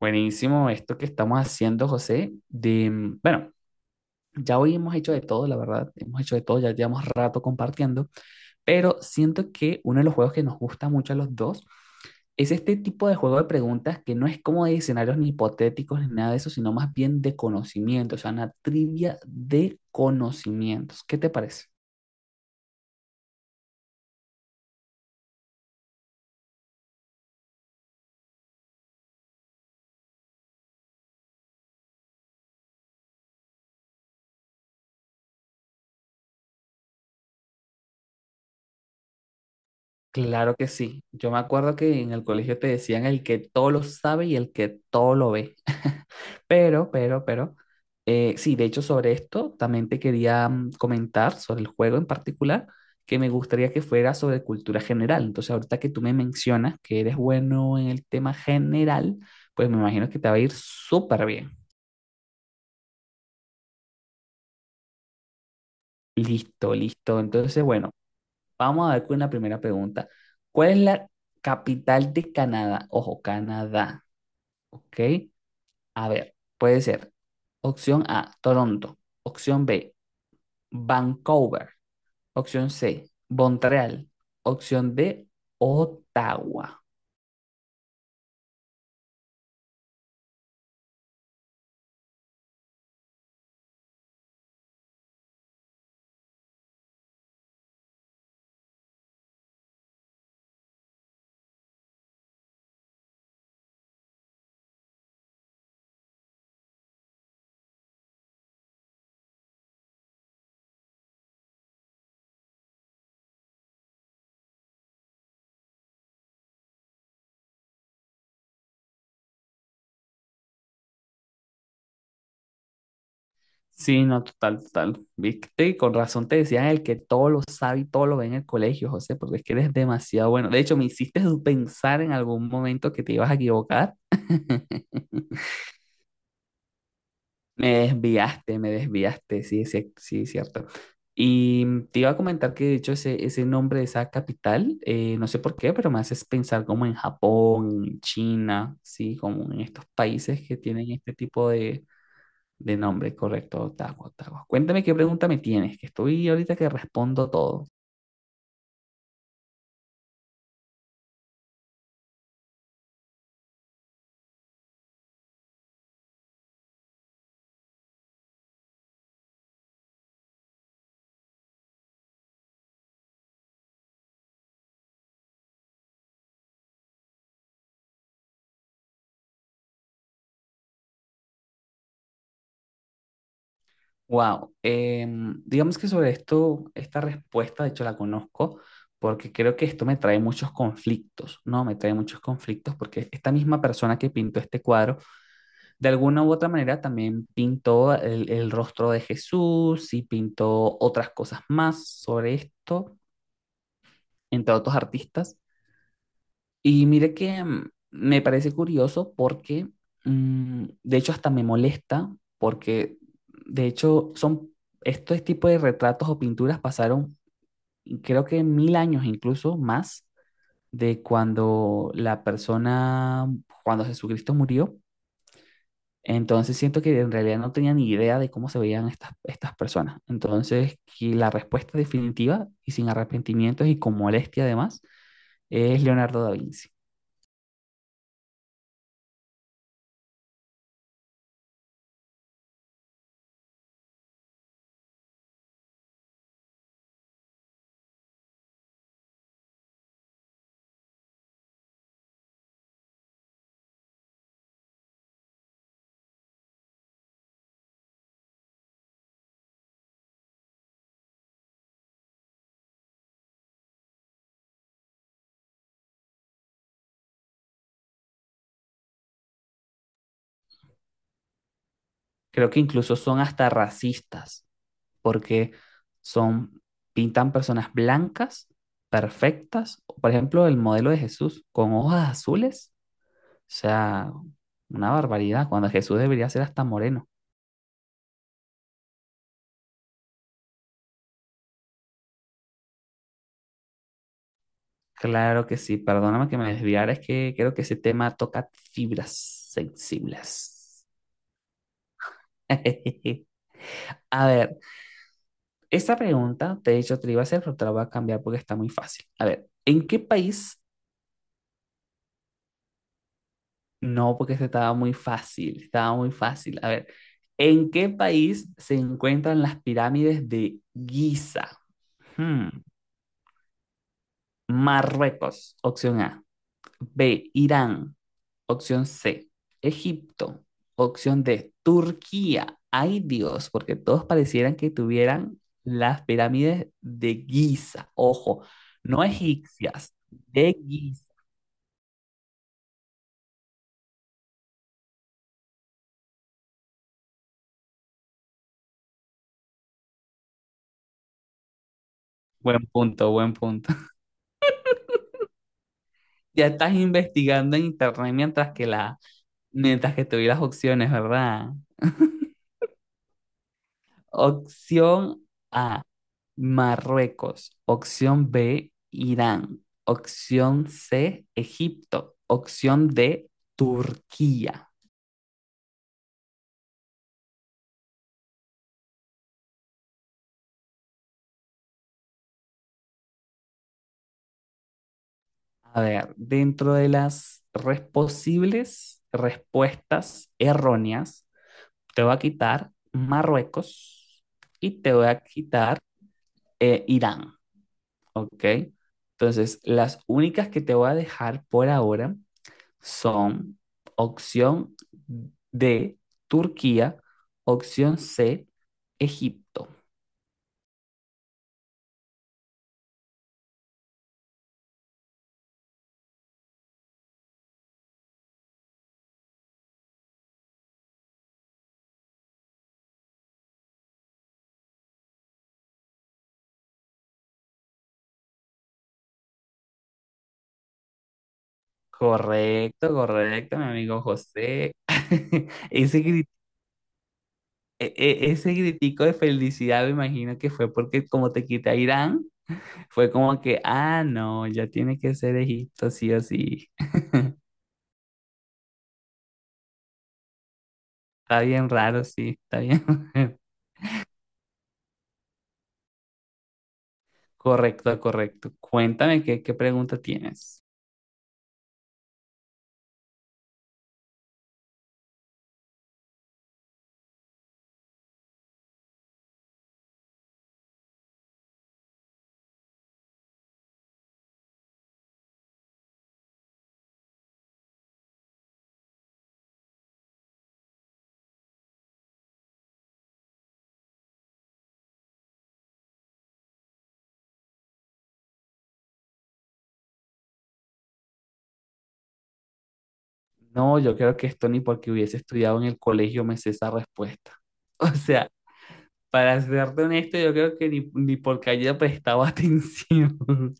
Buenísimo esto que estamos haciendo, José. Bueno, ya hoy hemos hecho de todo, la verdad. Hemos hecho de todo, ya llevamos rato compartiendo, pero siento que uno de los juegos que nos gusta mucho a los dos es este tipo de juego de preguntas que no es como de escenarios ni hipotéticos ni nada de eso, sino más bien de conocimiento, o sea, una trivia de conocimientos. ¿Qué te parece? Claro que sí. Yo me acuerdo que en el colegio te decían el que todo lo sabe y el que todo lo ve. Pero, sí, de hecho sobre esto también te quería comentar sobre el juego en particular, que me gustaría que fuera sobre cultura general. Entonces, ahorita que tú me mencionas que eres bueno en el tema general, pues me imagino que te va a ir súper bien. Listo, listo. Entonces, bueno, vamos a ver con la primera pregunta. ¿Cuál es la capital de Canadá? Ojo, Canadá, ¿ok? A ver, puede ser opción A, Toronto; opción B, Vancouver; opción C, Montreal; opción D, Ottawa. Sí, no, total, total. Viste, y con razón te decían el que todo lo sabe y todo lo ve en el colegio, José, porque es que eres demasiado bueno. De hecho, me hiciste pensar en algún momento que te ibas a equivocar. Me desviaste, sí, sí, es cierto. Y te iba a comentar que de hecho ese nombre de esa capital, no sé por qué, pero me haces pensar como en Japón, en China, sí, como en estos países que tienen este tipo de nombre, correcto, Ottawa, Ottawa. Cuéntame qué pregunta me tienes, que estoy ahorita que respondo todo. Wow, digamos que sobre esto, esta respuesta, de hecho la conozco, porque creo que esto me trae muchos conflictos, ¿no? Me trae muchos conflictos porque esta misma persona que pintó este cuadro, de alguna u otra manera también pintó el rostro de Jesús y pintó otras cosas más sobre esto, entre otros artistas. Y mire que me parece curioso porque, de hecho, hasta me molesta porque, de hecho, son estos tipos de retratos o pinturas pasaron, y creo que 1.000 años incluso más de cuando la persona, cuando Jesucristo murió. Entonces siento que en realidad no tenía ni idea de cómo se veían estas personas. Entonces, que la respuesta definitiva y sin arrepentimientos y con molestia además es Leonardo da Vinci. Creo que incluso son hasta racistas, porque son, pintan personas blancas, perfectas. Por ejemplo, el modelo de Jesús con hojas azules. O sea, una barbaridad, cuando Jesús debería ser hasta moreno. Claro que sí, perdóname que me desviara, es que creo que ese tema toca fibras sensibles. A ver, esta pregunta, de hecho, te la iba a hacer, pero te la voy a cambiar porque está muy fácil. A ver, ¿en qué país No, porque este estaba muy fácil, estaba muy fácil. A ver, ¿en qué país se encuentran las pirámides de Giza? Hmm, Marruecos, opción A; B, Irán, opción C; Egipto, opción D; Turquía. Ay Dios, porque todos parecieran que tuvieran las pirámides de Giza. Ojo, no egipcias, de Giza. Buen punto, buen punto. Ya estás investigando en internet mientras que la Mientras que tuve las opciones, ¿verdad? Opción A, Marruecos. Opción B, Irán. Opción C, Egipto. Opción D, Turquía. A ver, dentro de las res- posibles respuestas erróneas, te voy a quitar Marruecos y te voy a quitar Irán, ¿ok? Entonces, las únicas que te voy a dejar por ahora son opción D, Turquía, opción C, Egipto. Correcto, correcto, mi amigo José. Ese, gri- ese gritico de felicidad me imagino que fue porque como te quité a Irán, fue como que, ah, no, ya tiene que ser Egipto, sí o sí. Está bien raro, sí, está bien. Correcto, correcto. Cuéntame qué pregunta tienes. No, yo creo que esto ni porque hubiese estudiado en el colegio me sé esa respuesta. O sea, para serte honesto, yo creo que ni porque haya prestado atención.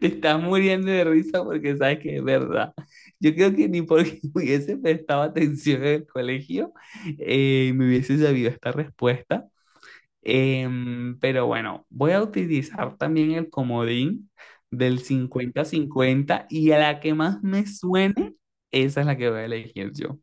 Te estás muriendo de risa porque sabes que es verdad. Yo creo que ni porque hubiese prestado atención en el colegio me hubiese sabido esta respuesta. Pero bueno, voy a utilizar también el comodín del 50 cincuenta y a la que más me suene, esa es la que voy a elegir yo.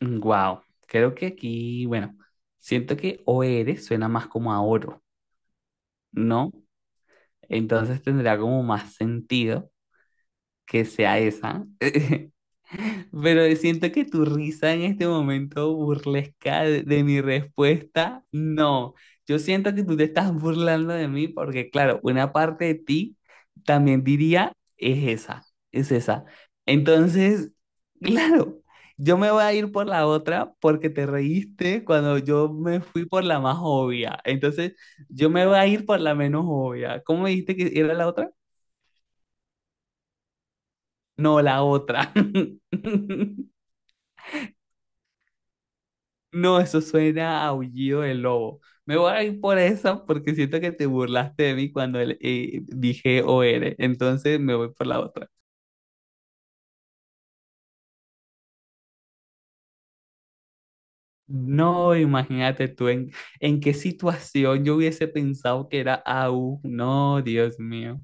Wow, creo que aquí, bueno, siento que o OR suena más como a oro, ¿no? Entonces tendrá como más sentido que sea esa. Pero siento que tu risa en este momento burlesca de mi respuesta, no. Yo siento que tú te estás burlando de mí porque, claro, una parte de ti también diría, es esa, es esa. Entonces, claro, yo me voy a ir por la otra porque te reíste cuando yo me fui por la más obvia. Entonces, yo me voy a ir por la menos obvia. ¿Cómo me dijiste que era la otra? No, la otra. No, eso suena a aullido de lobo. Me voy a ir por eso porque siento que te burlaste de mí cuando dije OR. Entonces me voy por la otra. No, imagínate tú en qué situación yo hubiese pensado que era a u. No, Dios mío.